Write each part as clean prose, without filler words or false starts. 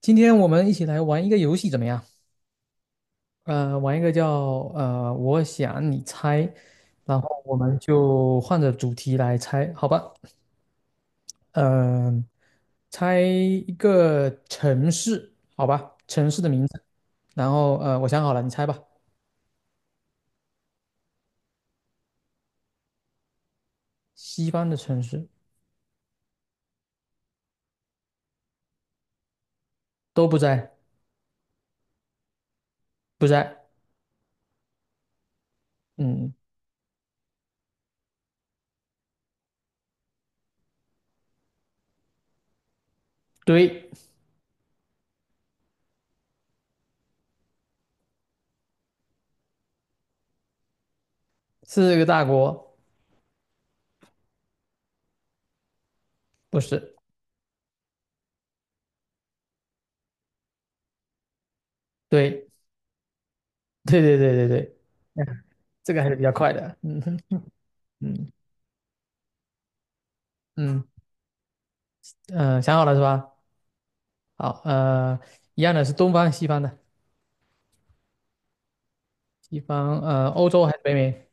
今天我们一起来玩一个游戏怎么样？玩一个叫我想你猜，然后我们就换着主题来猜，好吧？嗯、猜一个城市，好吧？城市的名字，然后我想好了，你猜吧。西方的城市都不在，不在。嗯，对，是个大国，不是？对，对对对对对，哎呀 这个还是比较快的。嗯哼，嗯嗯，嗯，想好了是吧？好，一样的是东方、西方的，西方，欧洲还是北美？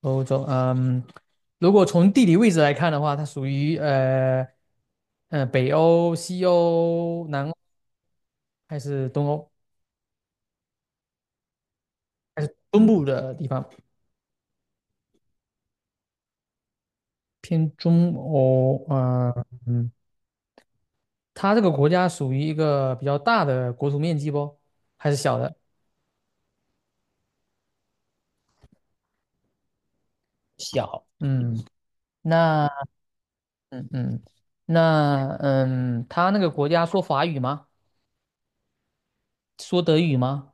欧洲，嗯，如果从地理位置来看的话，它属于北欧、西欧、南欧还是东欧？还是东部的地方，偏中欧，呃，嗯，它这个国家属于一个比较大的国土面积不？还是小的？小，嗯，那，嗯嗯，那，嗯，他那个国家说法语吗？说德语吗？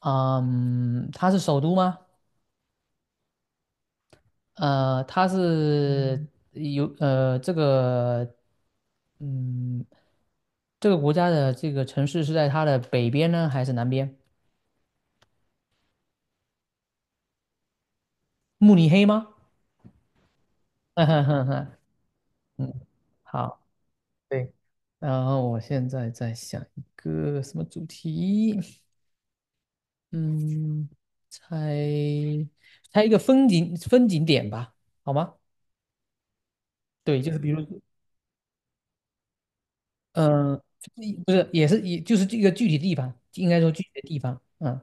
嗯，它是首都吗？呃，它是有呃这个嗯这个国家的这个城市是在它的北边呢，还是南边？慕尼黑吗？嗯，好，对。然后我现在在想一个什么主题？嗯，猜猜一个风景点吧，好吗？对，就是比如嗯，一不是，也是也就是这个具体地方，应该说具体的地方，嗯，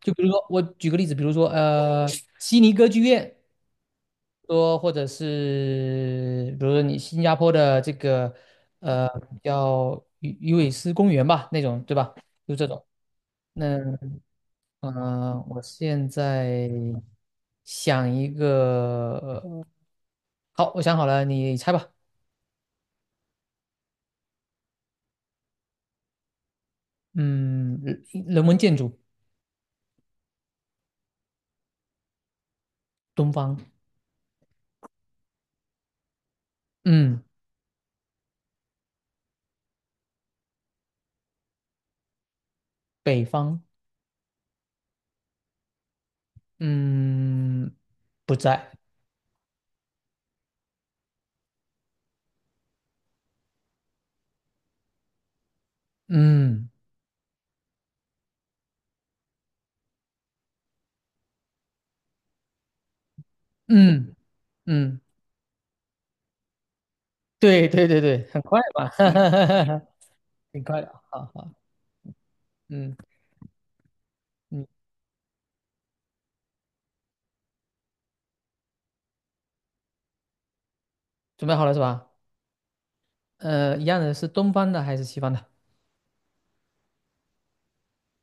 就比如说我举个例子，比如说悉尼歌剧院，说或者是比如说你新加坡的这个呃叫鱼尾狮公园吧，那种对吧？就这种。那嗯，我现在想一个，呃好，我想好了，你猜吧。嗯，人文建筑，东方。嗯。北方，嗯，不在，嗯嗯嗯，对对对对，很快嘛，哈哈哈哈，挺快的，好好，嗯，你准备好了是吧？一样的是东方的还是西方的？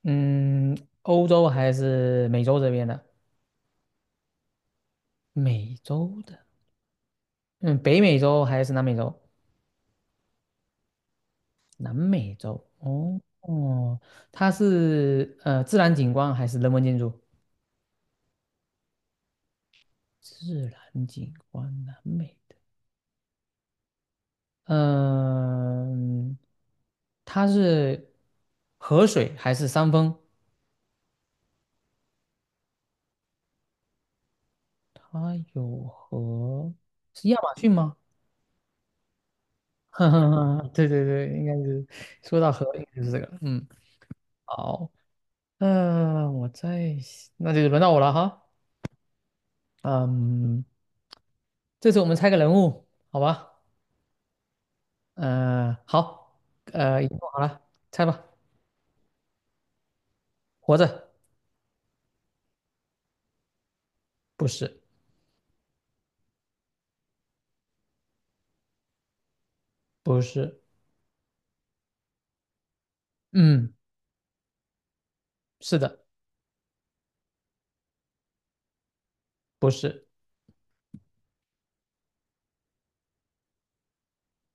嗯，欧洲还是美洲这边的？美洲的，嗯，北美洲还是南美洲？南美洲，哦哦，它是自然景观还是人文建筑？自然景观，南美。嗯，它是河水还是山峰？它有河，是亚马逊吗？哈哈哈，对对对，应该是说到河，应该就是这个。嗯，好，呃，我再，那就轮到我了哈。嗯，这次我们猜个人物，好吧？好，已经做好了，猜吧。活着，不是，不是，嗯，是的，不是，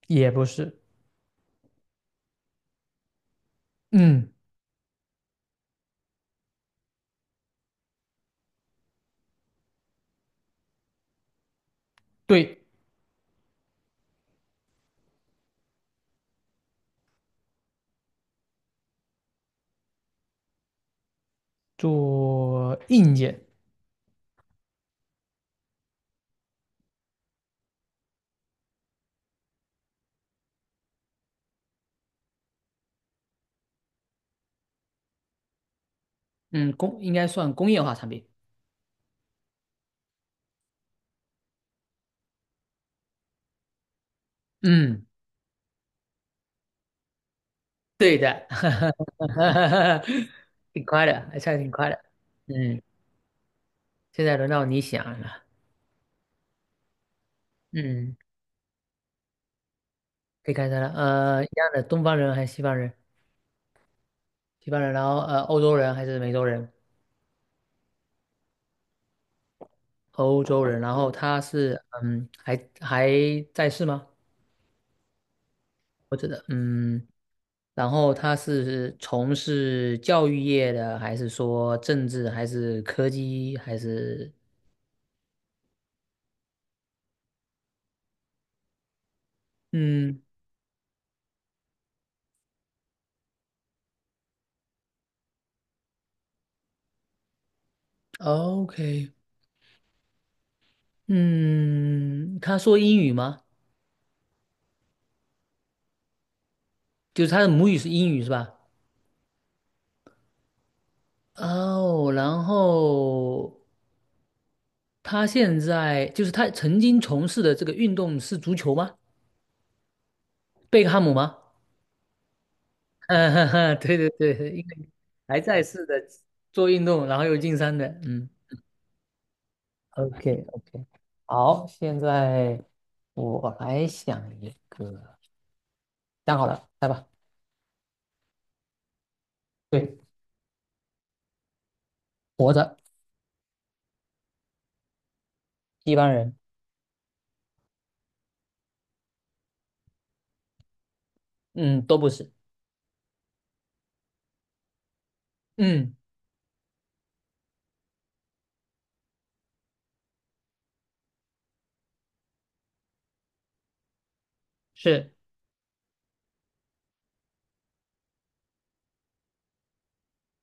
也不是，嗯，对。做硬件，嗯，应该算工业化产品。嗯，对的，挺快的，还算挺快的。嗯，现在轮到你想了。嗯，可以开始了。一样的，东方人还是西方人？西方人，然后欧洲人还是美洲人？欧洲人，然后他是嗯，还在世吗？我觉得嗯，然后他是从事教育业的，还是说政治，还是科技，还是嗯，OK，嗯，他说英语吗？就是他的母语是英语是吧？哦，然后他现在就是他曾经从事的这个运动是足球吗？贝克汉姆吗？嗯，哈哈，对对对，因为还在世的做运动，然后又进山的，嗯 o k o k 好，现在我来想一个，想好了，来吧。对，活着，一般人，嗯，都不是，嗯。是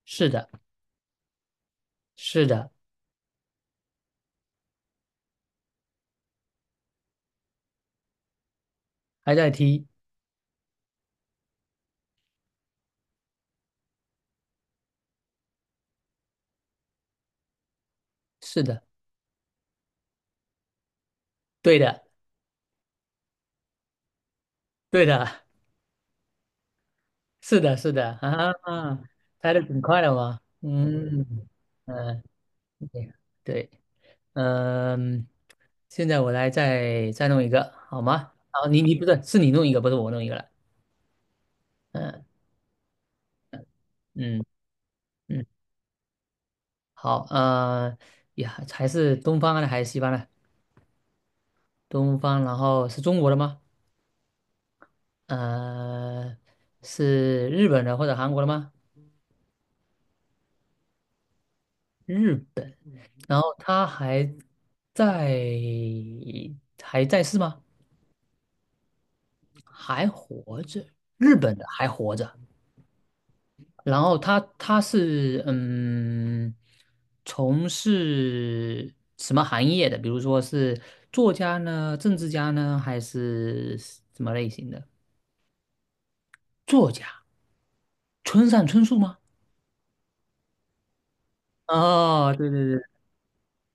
是的，是的，还在踢，是的，对的，对的，是的，是的，啊，拍的挺快的嘛，嗯嗯，对对，嗯，现在我来再弄一个，好吗？好，你弄一个，不是我弄一个了，嗯嗯嗯，好，啊呀，还是东方的还是西方的？东方，然后是中国的吗？呃，是日本的或者韩国的吗？日然后他还在，还在世吗？还活着，日本的还活着。然后他是嗯，从事什么行业的？比如说是作家呢，政治家呢，还是什么类型的？作家，村上春树吗？哦，对对对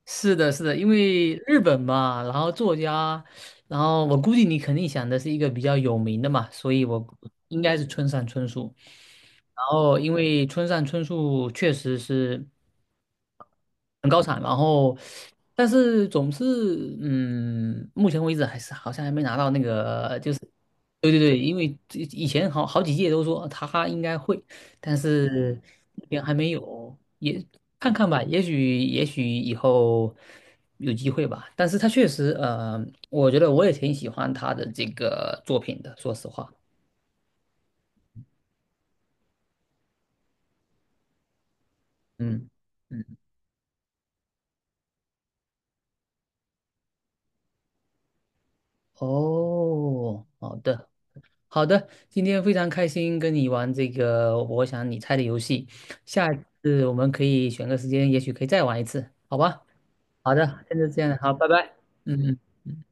是的，是的，因为日本嘛，然后作家，然后我估计你肯定想的是一个比较有名的嘛，所以我应该是村上春树。然后，因为村上春树确实是。很高产，然后但是总是嗯，目前为止还是好像还没拿到那个，就是对对对，因为这以前好几届都说他应该会，但是那边还没有，也看看吧，也许以后有机会吧。但是他确实我觉得我也挺喜欢他的这个作品的，说实话，嗯嗯，哦，好的。好的，今天非常开心跟你玩这个我想你猜的游戏，下一次我们可以选个时间，也许可以再玩一次，好吧？好的，现在这样，好，拜拜。嗯嗯。嗯